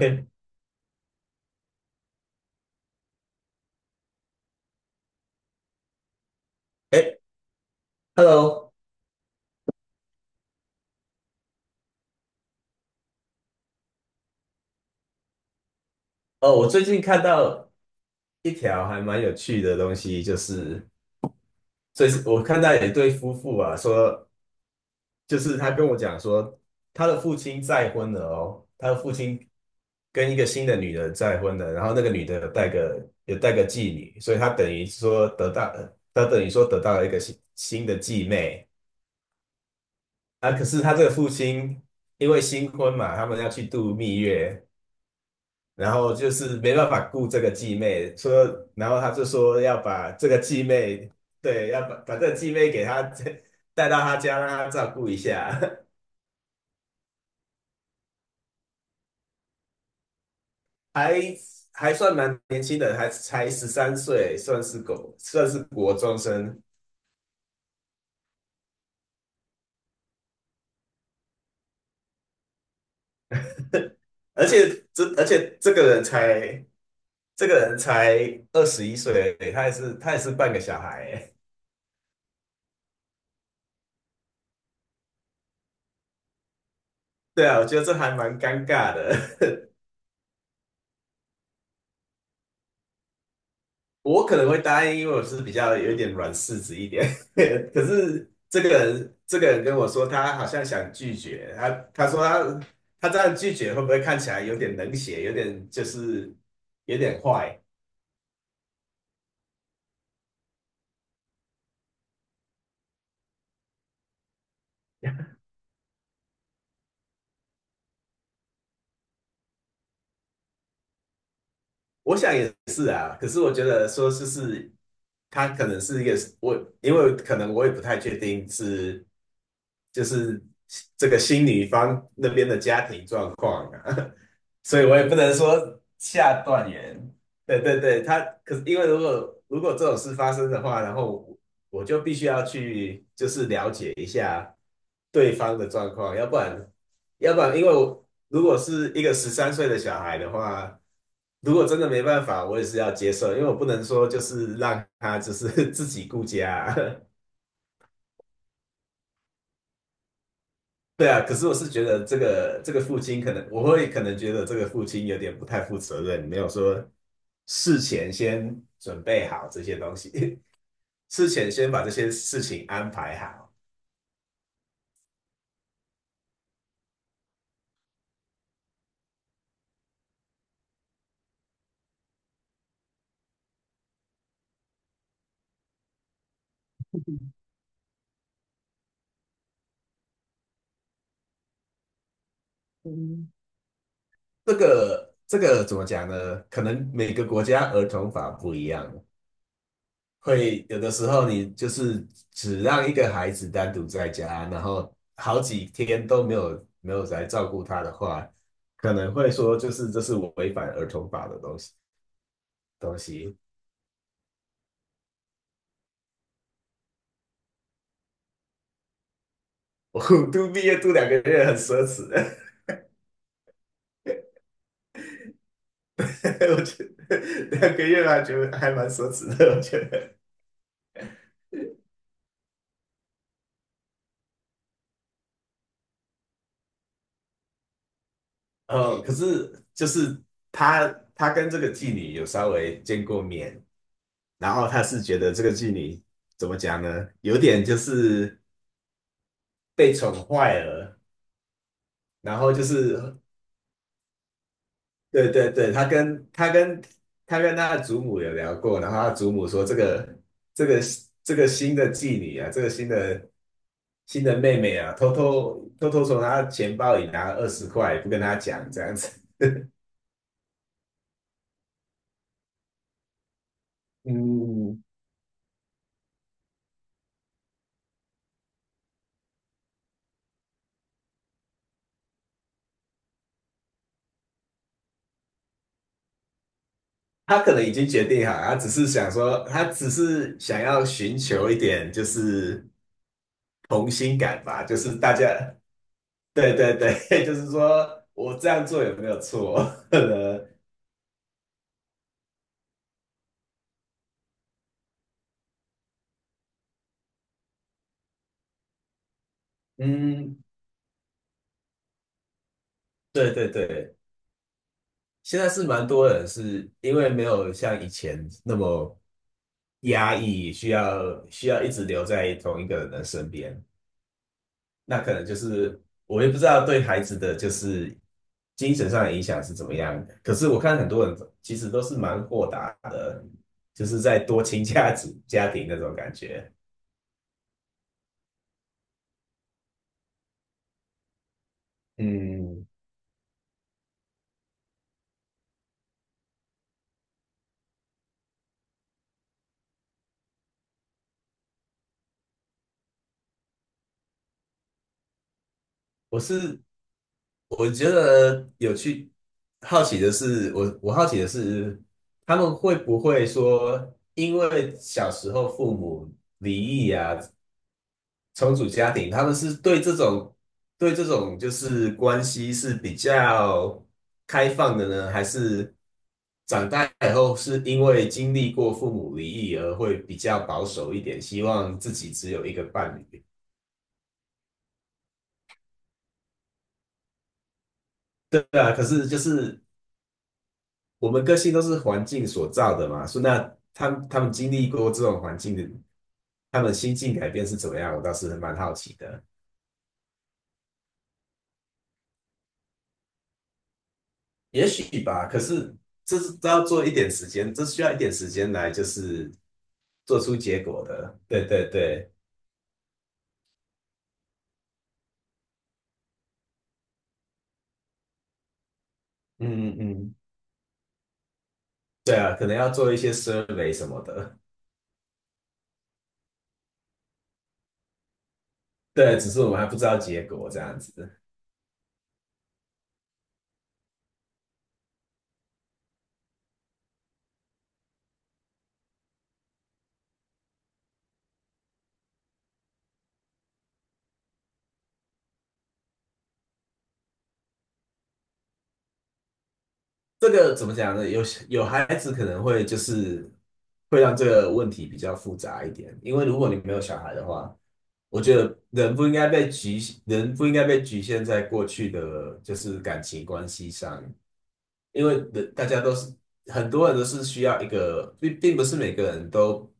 哎，Hello，哦，我最近看到一条还蛮有趣的东西，就是我看到有一对夫妇啊，说他跟我讲说，他的父亲再婚了哦，他的父亲跟一个新的女人再婚了，然后那个女的有带个继女，所以他等于说得到了一个新的继妹啊。可是他这个父亲因为新婚嘛，他们要去度蜜月，然后就是没办法顾这个继妹，然后他就说要把这个继妹，对，要把这个继妹给他 带到他家，让他照顾一下。还还算蛮年轻的，还才十三岁，算是狗，算是国中生。而且这个人才21岁而已，他也是半个小孩。对啊，我觉得这还蛮尴尬的。我可能会答应，因为我是比较有一点软柿子一点。可是这个人，这个人跟我说，他好像想拒绝。他说他这样拒绝，会不会看起来有点冷血，有点就是有点坏？我想也是啊。可是我觉得说，就是他可能是一个我，因为可能我也不太确定是。就是这个新女方那边的家庭状况啊，所以我也不能说下断言。对对对，他可是因为如果这种事发生的话，然后我就必须要去就是了解一下对方的状况，要不然因为我如果是一个十三岁的小孩的话，如果真的没办法，我也是要接受，因为我不能说就是让他就是 自己顾家啊。对啊，可是我是觉得这个父亲可能，我会可能觉得这个父亲有点不太负责任，没有说事前先准备好这些东西，事前先把这些事情安排好。嗯，这个怎么讲呢？可能每个国家儿童法不一样，会有的时候你就是只让一个孩子单独在家，然后好几天都没有来照顾他的话，可能会说就是这是违反儿童法的东西。东西。我读毕业读2个月很奢侈的。我觉得2个月还觉得还蛮奢侈的，我觉得。哦，可是就是他他跟这个妓女有稍微见过面，然后他是觉得这个妓女怎么讲呢？有点就是被宠坏了，然后就是对对对，他跟他的祖母有聊过，然后他祖母说这个这个新的妓女啊，这个新的妹妹啊，偷偷从她钱包里拿20块，不跟她讲这样子。嗯，她可能已经决定好，她只是想说，她只是想要寻求一点就是同心感吧，就是大家，对对对。就是说我这样做有没有错？嗯，对对对，现在是蛮多人是因为没有像以前那么压抑，需要一直留在同一个人的身边。那可能就是我也不知道对孩子的就是精神上的影响是怎么样。可是我看很多人其实都是蛮豁达的，就是在多亲家子家庭那种感觉。嗯，我是我觉得有趣，好奇的是，我好奇的是，他们会不会说，因为小时候父母离异啊，重组家庭，他们是对这种就是关系是比较开放的呢，还是长大以后是因为经历过父母离异而会比较保守一点，希望自己只有一个伴侣？对啊，可是就是我们个性都是环境所造的嘛，所以那他们经历过这种环境的，他们心境改变是怎么样？我倒是蛮好奇的。也许吧，可是这是都要做一点时间，这需要一点时间来，就是做出结果的。对对对，嗯嗯嗯，对啊，可能要做一些 survey 什么的。对，只是我们还不知道结果这样子。这个怎么讲呢？有孩子可能会就是会让这个问题比较复杂一点。因为如果你没有小孩的话，我觉得人不应该被局限在过去的就是感情关系上，因为人大家都是很多人都是需要一个，并不是每个人都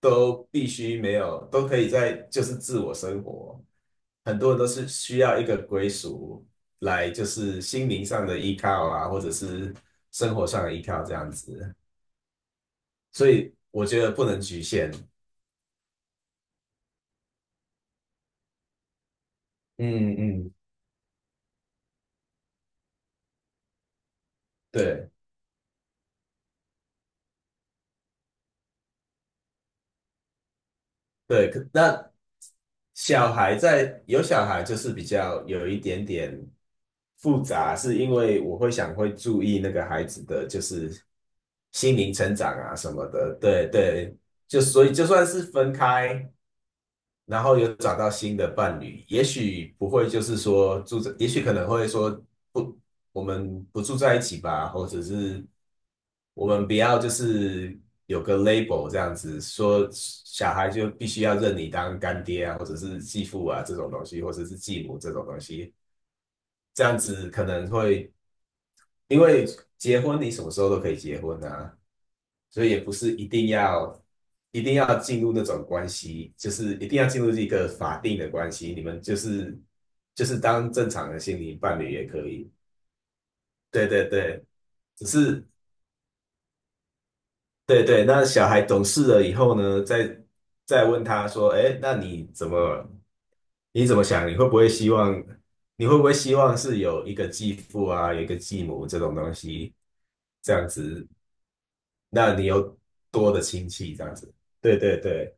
必须没有，都可以在就是自我生活。很多人都是需要一个归属来，就是心灵上的依靠啊，或者是生活上的依靠这样子。所以我觉得不能局限。嗯嗯，对。对，可那小孩在有小孩就是比较有一点点复杂，是因为我会想会注意那个孩子的就是心灵成长啊什么的，对对，就所以就算是分开，然后有找到新的伴侣，也许不会就是说住在，也许可能会说不，我们不住在一起吧，或者是我们不要就是有个 label 这样子，说小孩就必须要认你当干爹啊，或者是继父啊这种东西，或者是继母这种东西，这样子可能会，因为结婚你什么时候都可以结婚啊，所以也不是一定要进入那种关系，就是一定要进入一个法定的关系，你们就是当正常的心灵伴侣也可以。对对对，只是对对，那小孩懂事了以后呢，再问他说，哎，那你怎么你怎么想？你会不会希望是有一个继父啊，有一个继母这种东西，这样子，那你有多的亲戚这样子？对对对。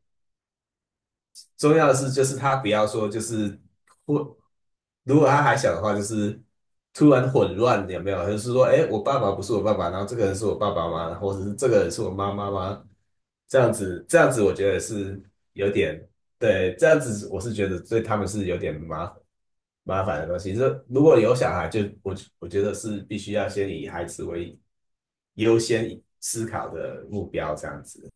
重要的是，就是他不要说就是混，如果他还小的话，就是突然混乱，有没有？就是说，哎，我爸爸不是我爸爸，然后这个人是我爸爸吗？或者是这个人是我妈妈吗？这样子，这样子，我觉得是有点，对，这样子我是觉得对他们是有点麻烦的东西。这如果有小孩就，我觉得是必须要先以孩子为优先思考的目标，这样子。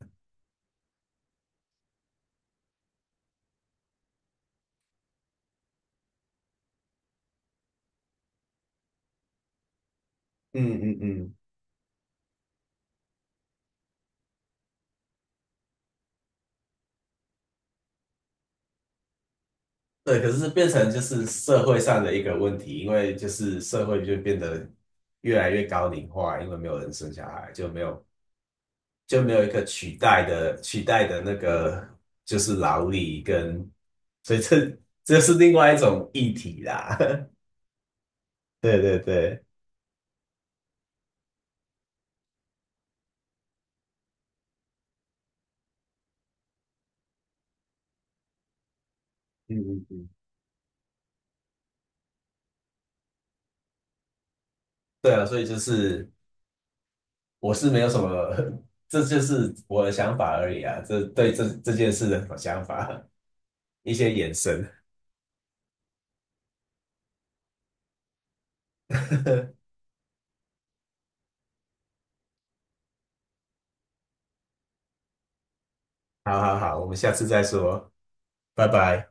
嗯嗯嗯。对，可是变成就是社会上的一个问题，因为就是社会就变得越来越高龄化，因为没有人生小孩，就没有一个取代的那个就是劳力跟，所以这这是另外一种议题啦。对对对，嗯嗯嗯。对啊，所以就是我是没有什么，这就是我的想法而已啊，这对这件事的想法，一些延伸。好好好，我们下次再说。拜拜。